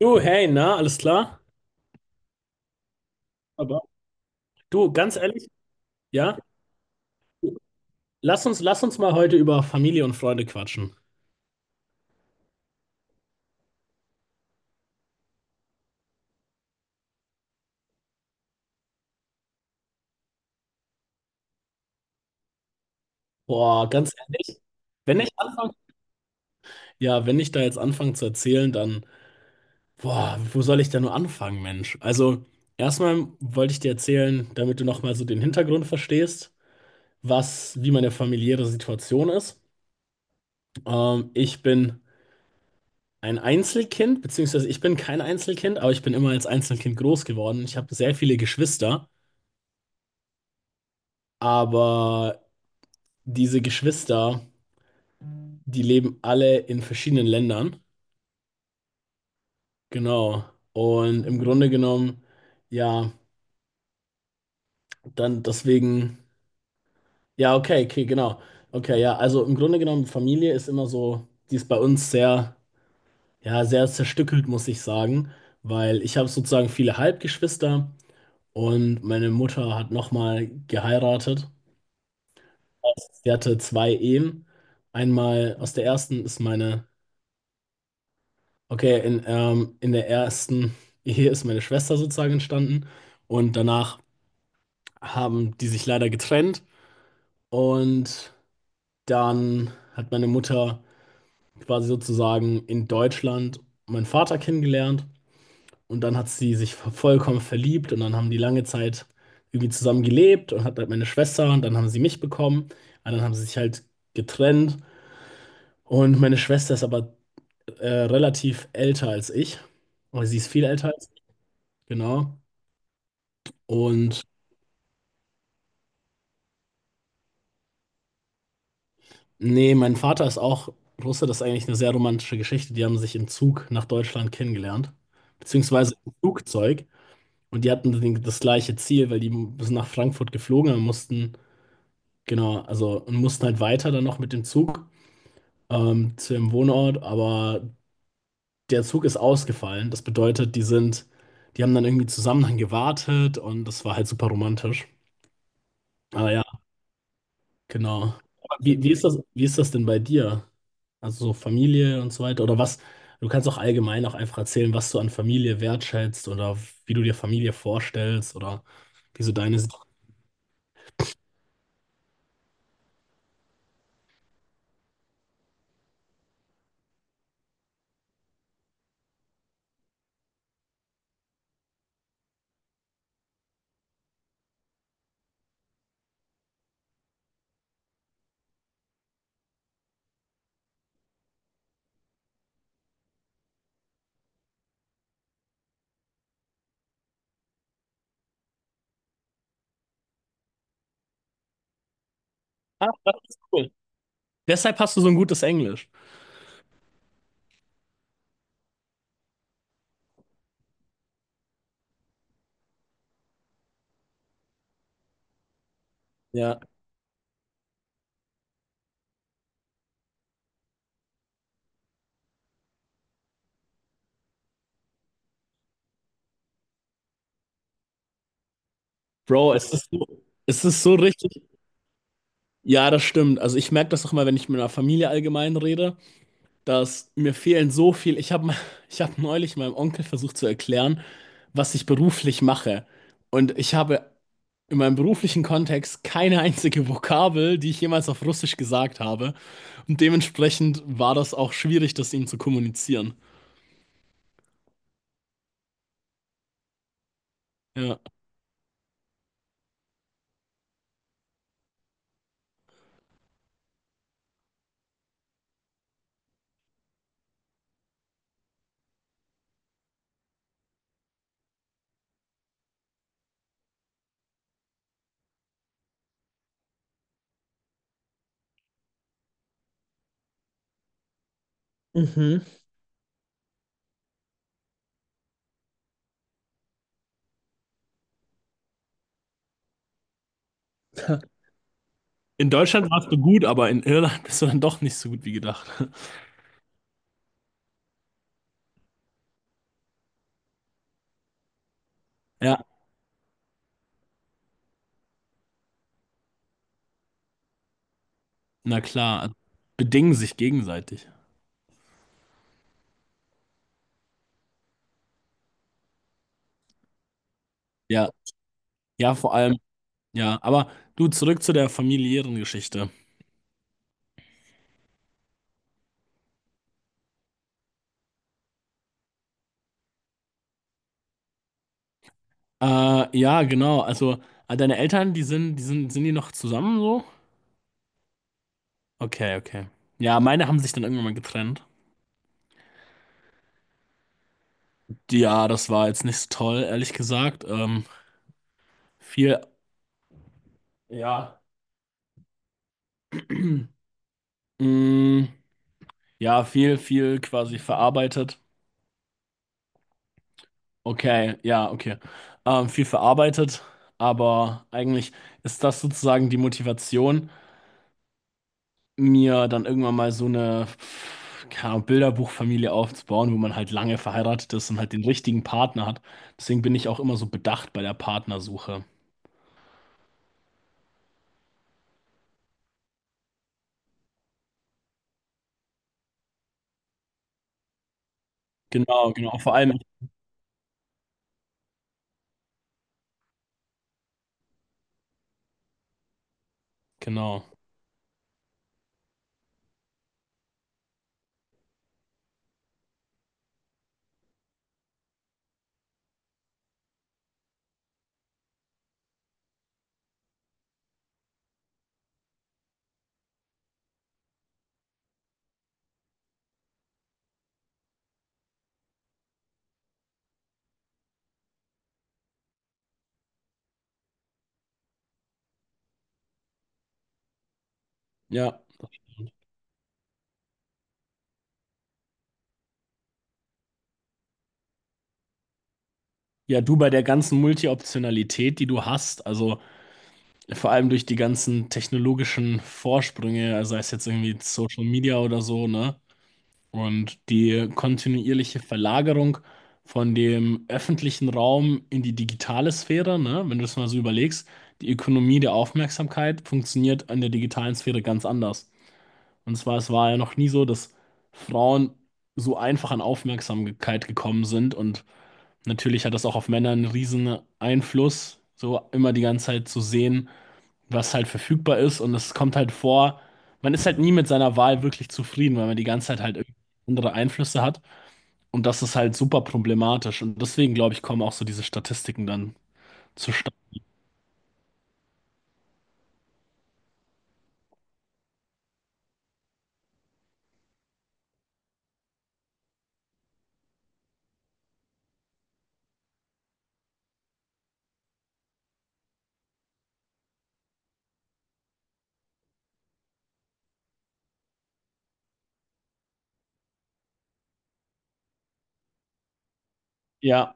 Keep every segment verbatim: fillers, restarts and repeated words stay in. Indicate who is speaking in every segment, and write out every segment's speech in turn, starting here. Speaker 1: Du, hey, na, alles klar? Aber du, ganz ehrlich, ja, lass uns, lass uns mal heute über Familie und Freunde quatschen. Boah, ganz ehrlich, wenn ich anfange, ja, wenn ich da jetzt anfange zu erzählen, dann, boah, wo soll ich da nur anfangen, Mensch? Also, erstmal wollte ich dir erzählen, damit du nochmal so den Hintergrund verstehst, was, wie meine familiäre Situation ist. Ähm, ich bin ein Einzelkind, beziehungsweise ich bin kein Einzelkind, aber ich bin immer als Einzelkind groß geworden. Ich habe sehr viele Geschwister, aber diese Geschwister, die leben alle in verschiedenen Ländern. Genau. Und im Grunde genommen, ja, dann deswegen, ja, okay, okay, genau. Okay, ja, also im Grunde genommen, Familie ist immer so, die ist bei uns sehr, ja, sehr zerstückelt, muss ich sagen, weil ich habe sozusagen viele Halbgeschwister und meine Mutter hat nochmal geheiratet. Sie hatte zwei Ehen. Einmal aus der ersten ist meine, okay, in, ähm, in der ersten Ehe ist meine Schwester sozusagen entstanden und danach haben die sich leider getrennt und dann hat meine Mutter quasi sozusagen in Deutschland meinen Vater kennengelernt. Und dann hat sie sich vollkommen verliebt und dann haben die lange Zeit irgendwie zusammen gelebt und hat halt meine Schwester und dann haben sie mich bekommen. Und dann haben sie sich halt getrennt. Und meine Schwester ist aber äh, relativ älter als ich. Oder sie ist viel älter als ich, genau. Und nee, mein Vater ist auch Russe. Das ist eigentlich eine sehr romantische Geschichte. Die haben sich im Zug nach Deutschland kennengelernt. Beziehungsweise im Flugzeug. Und die hatten den- das gleiche Ziel, weil die sind nach Frankfurt geflogen und mussten, genau, also und mussten halt weiter dann noch mit dem Zug ähm, zu ihrem Wohnort, aber der Zug ist ausgefallen. Das bedeutet, die sind, die haben dann irgendwie zusammen dann gewartet und das war halt super romantisch. Aber ja, genau. Aber Wie, wie ist das, wie ist das denn bei dir? Also so Familie und so weiter oder was? Du kannst auch allgemein auch einfach erzählen, was du an Familie wertschätzt oder wie du dir Familie vorstellst oder wie so deine. Ah, das ist cool. Deshalb hast du so ein gutes Englisch. Ja. Bro, es ist so, es ist so richtig. Ja, das stimmt. Also ich merke das auch mal, wenn ich mit meiner Familie allgemein rede, dass mir fehlen so viel. Ich habe ich hab neulich meinem Onkel versucht zu erklären, was ich beruflich mache. Und ich habe in meinem beruflichen Kontext keine einzige Vokabel, die ich jemals auf Russisch gesagt habe. Und dementsprechend war das auch schwierig, das ihm zu kommunizieren. Ja. Mhm. In Deutschland warst du gut, aber in Irland bist du dann doch nicht so gut wie gedacht. Ja. Na klar, also bedingen sich gegenseitig. Ja, ja, vor allem, ja. Aber du, zurück zu der familiären Geschichte. Äh, ja, genau. Also, äh, deine Eltern, die sind, die sind, sind die noch zusammen so? Okay, okay. Ja, meine haben sich dann irgendwann mal getrennt. Ja, das war jetzt nicht so toll, ehrlich gesagt. Ähm, viel, ja, mh, ja, viel, viel quasi verarbeitet. Okay, ja, okay. Ähm, viel verarbeitet, aber eigentlich ist das sozusagen die Motivation, mir dann irgendwann mal so eine, keine Ahnung, Bilderbuchfamilie aufzubauen, wo man halt lange verheiratet ist und halt den richtigen Partner hat. Deswegen bin ich auch immer so bedacht bei der Partnersuche. Genau, genau, vor allem, genau, ja. Ja, du bei der ganzen Multi-Optionalität, die du hast, also vor allem durch die ganzen technologischen Vorsprünge, also sei es jetzt irgendwie Social Media oder so, ne? Und die kontinuierliche Verlagerung von dem öffentlichen Raum in die digitale Sphäre, ne, wenn du das mal so überlegst, die Ökonomie der Aufmerksamkeit funktioniert in der digitalen Sphäre ganz anders. Und zwar, es war ja noch nie so, dass Frauen so einfach an Aufmerksamkeit gekommen sind. Und natürlich hat das auch auf Männer einen riesen Einfluss, so immer die ganze Zeit zu sehen, was halt verfügbar ist. Und es kommt halt vor, man ist halt nie mit seiner Wahl wirklich zufrieden, weil man die ganze Zeit halt irgendwie andere Einflüsse hat. Und das ist halt super problematisch. Und deswegen, glaube ich, kommen auch so diese Statistiken dann zustande. Ja,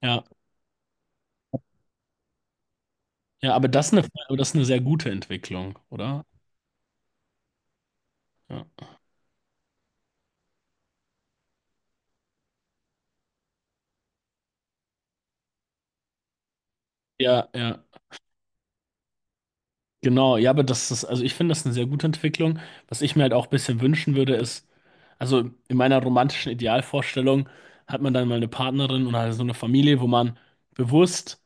Speaker 1: ja, ja, aber das ist eine, aber das ist eine sehr gute Entwicklung, oder? Ja, ja, ja, genau. Ja, aber das ist, also ich finde das eine sehr gute Entwicklung. Was ich mir halt auch ein bisschen wünschen würde, ist, also in meiner romantischen Idealvorstellung hat man dann mal eine Partnerin und halt so eine Familie, wo man bewusst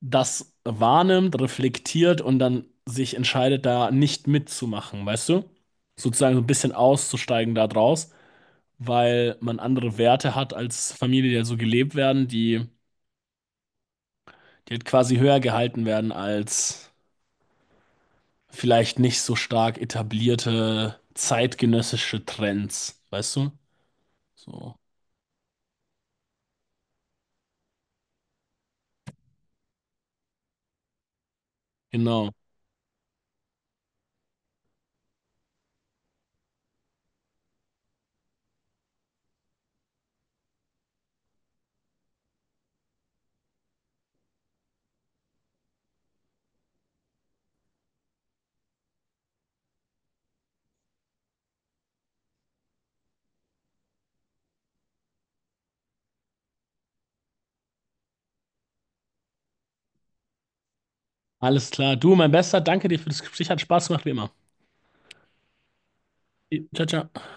Speaker 1: das wahrnimmt, reflektiert und dann sich entscheidet, da nicht mitzumachen, weißt du? Sozusagen so ein bisschen auszusteigen da draus, weil man andere Werte hat als Familie, die ja so gelebt werden, die, die halt quasi höher gehalten werden als vielleicht nicht so stark etablierte zeitgenössische Trends, weißt du? So, genau. Alles klar. Du, mein Bester, danke dir für das Gespräch, hat Spaß gemacht wie immer. Ciao, ciao.